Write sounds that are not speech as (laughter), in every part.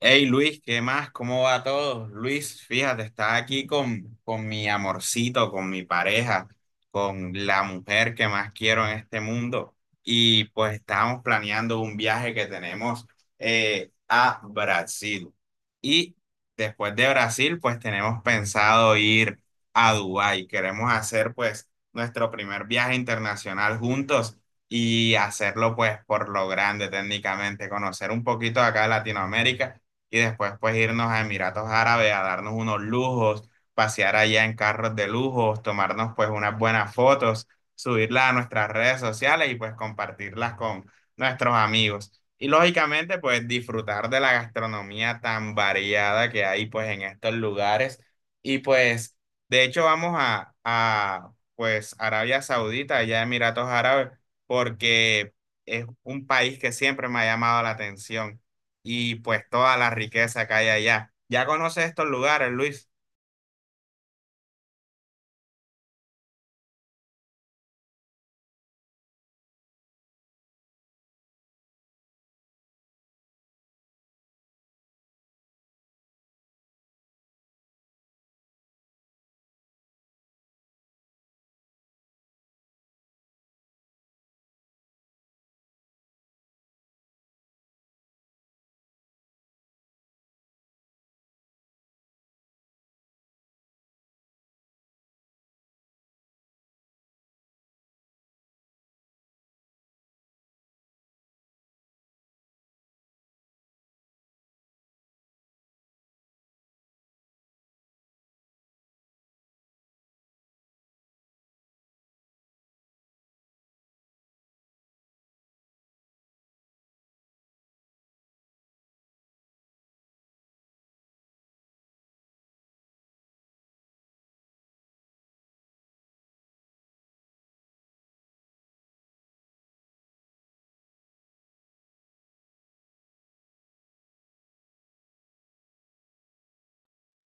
Hey Luis, ¿qué más? ¿Cómo va todo? Luis, fíjate, está aquí con mi amorcito, con mi pareja, con la mujer que más quiero en este mundo. Y pues estábamos planeando un viaje que tenemos a Brasil. Y después de Brasil, pues tenemos pensado ir a Dubái. Queremos hacer pues nuestro primer viaje internacional juntos y hacerlo pues por lo grande técnicamente, conocer un poquito acá de Latinoamérica y después pues irnos a Emiratos Árabes a darnos unos lujos, pasear allá en carros de lujos, tomarnos pues unas buenas fotos, subirlas a nuestras redes sociales y pues compartirlas con nuestros amigos. Y lógicamente pues disfrutar de la gastronomía tan variada que hay pues en estos lugares. Y pues de hecho vamos a pues Arabia Saudita, allá Emiratos Árabes, porque es un país que siempre me ha llamado la atención y pues toda la riqueza que hay allá. Ya conoces estos lugares, Luis.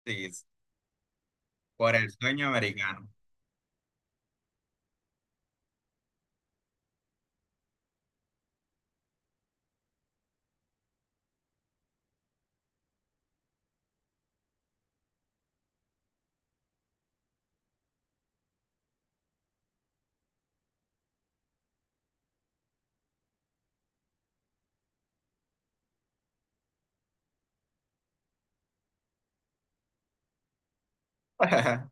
Sí, por el sueño americano. (laughs)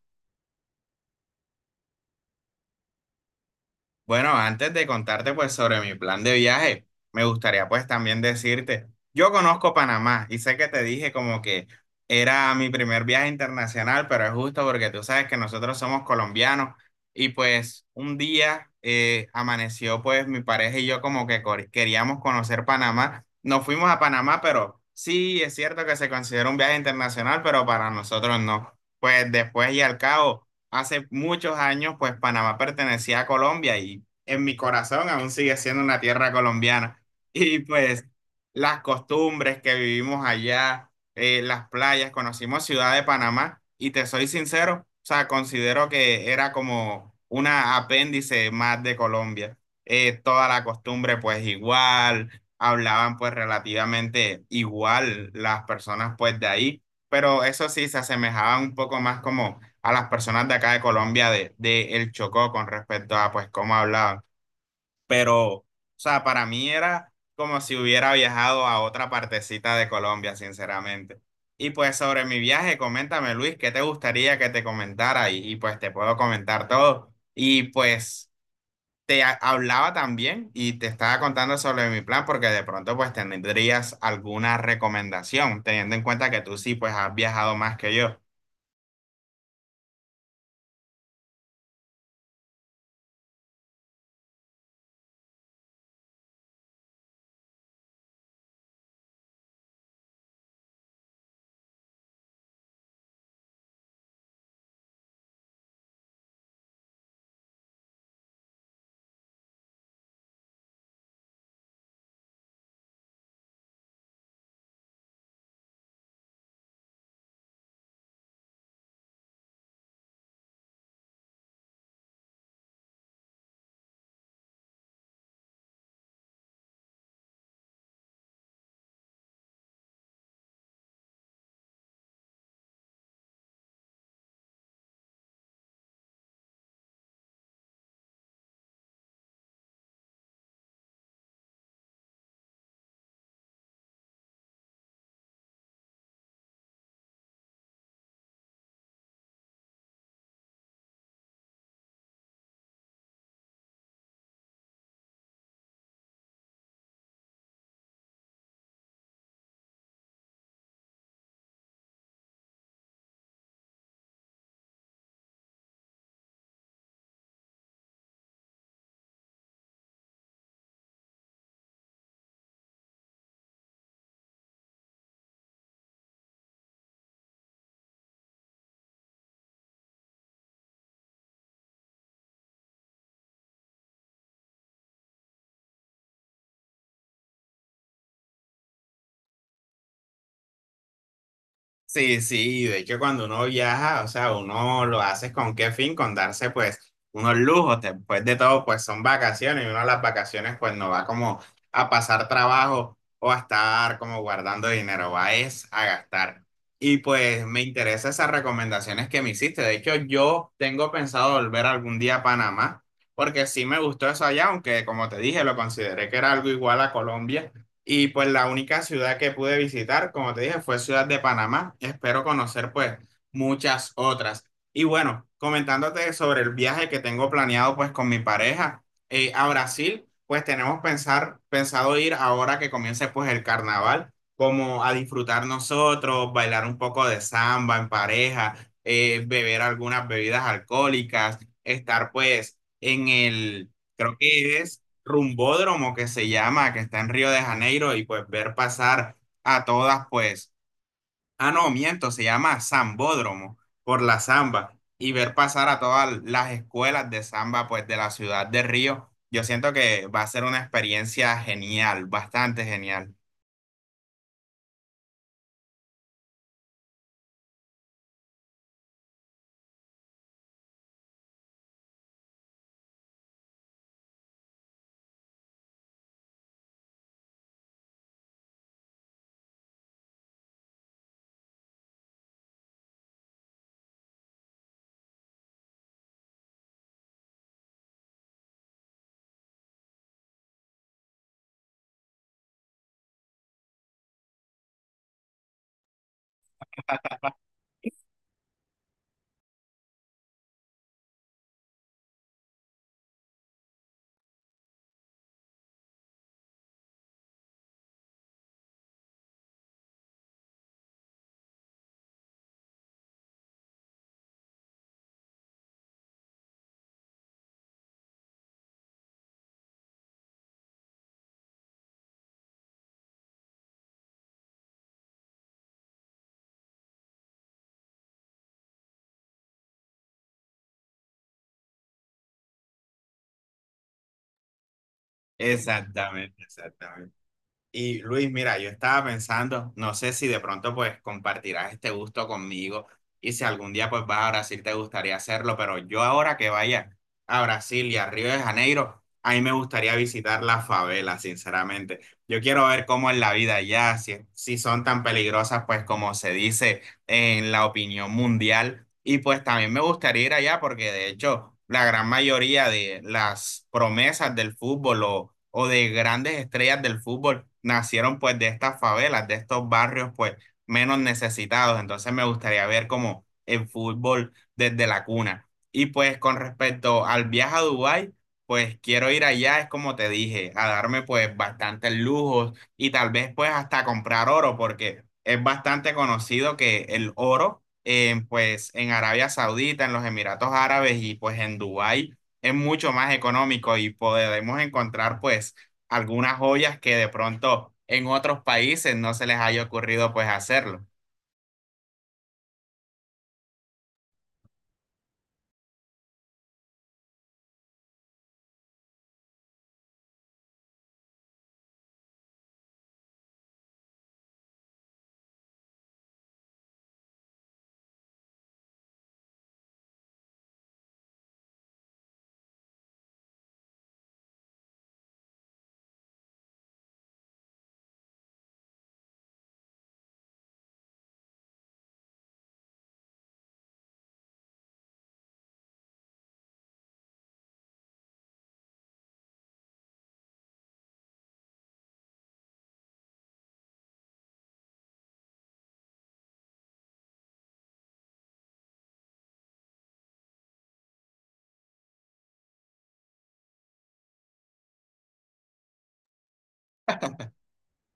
Bueno, antes de contarte pues sobre mi plan de viaje, me gustaría pues también decirte, yo conozco Panamá y sé que te dije como que era mi primer viaje internacional, pero es justo porque tú sabes que nosotros somos colombianos y pues un día amaneció pues mi pareja y yo como que queríamos conocer Panamá. Nos fuimos a Panamá, pero sí, es cierto que se considera un viaje internacional, pero para nosotros no. Pues después y al cabo hace muchos años, pues Panamá pertenecía a Colombia y en mi corazón aún sigue siendo una tierra colombiana. (laughs) Y pues las costumbres que vivimos allá, las playas, conocimos Ciudad de Panamá y te soy sincero, o sea, considero que era como una apéndice más de Colombia. Toda la costumbre pues igual, hablaban pues relativamente igual las personas pues de ahí, pero eso sí se asemejaban un poco más como a las personas de acá de Colombia de El Chocó con respecto a pues cómo hablaban. Pero, o sea, para mí era como si hubiera viajado a otra partecita de Colombia, sinceramente. Y pues sobre mi viaje, coméntame Luis, ¿qué te gustaría que te comentara? Y pues te puedo comentar todo. Y pues hablaba también y te estaba contando sobre mi plan porque de pronto pues tendrías alguna recomendación, teniendo en cuenta que tú sí pues has viajado más que yo. Sí, sí, de hecho cuando uno viaja, o sea, uno lo hace con qué fin, con darse pues unos lujos, después de todo pues son vacaciones y uno a las vacaciones pues no va como a pasar trabajo o a estar como guardando dinero, va es a gastar. Y pues me interesan esas recomendaciones que me hiciste, de hecho yo tengo pensado volver algún día a Panamá, porque sí me gustó eso allá, aunque como te dije lo consideré que era algo igual a Colombia y pues la única ciudad que pude visitar, como te dije, fue Ciudad de Panamá. Espero conocer pues muchas otras. Y bueno, comentándote sobre el viaje que tengo planeado pues con mi pareja a Brasil, pues tenemos pensado ir ahora que comience pues el carnaval, como a disfrutar nosotros, bailar un poco de samba en pareja, beber algunas bebidas alcohólicas, estar pues en el... Creo que es rumbódromo que se llama, que está en Río de Janeiro, y pues ver pasar a todas, pues, ah, no, miento, se llama Zambódromo, por la samba, y ver pasar a todas las escuelas de samba, pues, de la ciudad de Río. Yo siento que va a ser una experiencia genial, bastante genial. Exactamente, exactamente. Y Luis, mira, yo estaba pensando, no sé si de pronto pues compartirás este gusto conmigo y si algún día pues vas a Brasil te gustaría hacerlo, pero yo ahora que vaya a Brasil y a Río de Janeiro, a mí me gustaría visitar las favelas, sinceramente. Yo quiero ver cómo es la vida allá, si son tan peligrosas pues como se dice en la opinión mundial y pues también me gustaría ir allá porque de hecho la gran mayoría de las promesas del fútbol o de grandes estrellas del fútbol nacieron pues de estas favelas, de estos barrios pues menos necesitados. Entonces me gustaría ver como el fútbol desde la cuna. Y pues con respecto al viaje a Dubái, pues quiero ir allá, es como te dije, a darme pues bastantes lujos y tal vez pues hasta comprar oro porque es bastante conocido que el oro pues en Arabia Saudita, en los Emiratos Árabes y pues en Dubái es mucho más económico y podemos encontrar pues algunas joyas que de pronto en otros países no se les haya ocurrido pues hacerlo.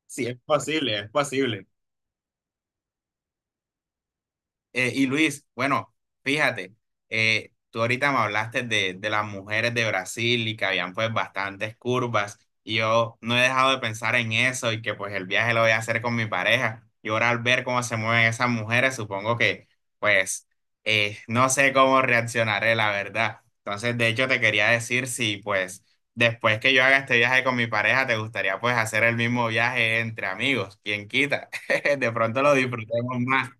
Sí, es posible, es posible. Y Luis, bueno, fíjate, tú ahorita me hablaste de las mujeres de Brasil y que habían pues bastantes curvas y yo no he dejado de pensar en eso y que pues el viaje lo voy a hacer con mi pareja y ahora al ver cómo se mueven esas mujeres, supongo que pues no sé cómo reaccionaré, la verdad. Entonces, de hecho, te quería decir si pues después que yo haga este viaje con mi pareja, te gustaría pues hacer el mismo viaje entre amigos, quien quita, (laughs) de pronto lo disfrutemos más.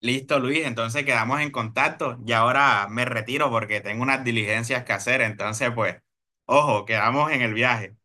Listo, Luis, entonces quedamos en contacto y ahora me retiro porque tengo unas diligencias que hacer, entonces pues, ojo, quedamos en el viaje.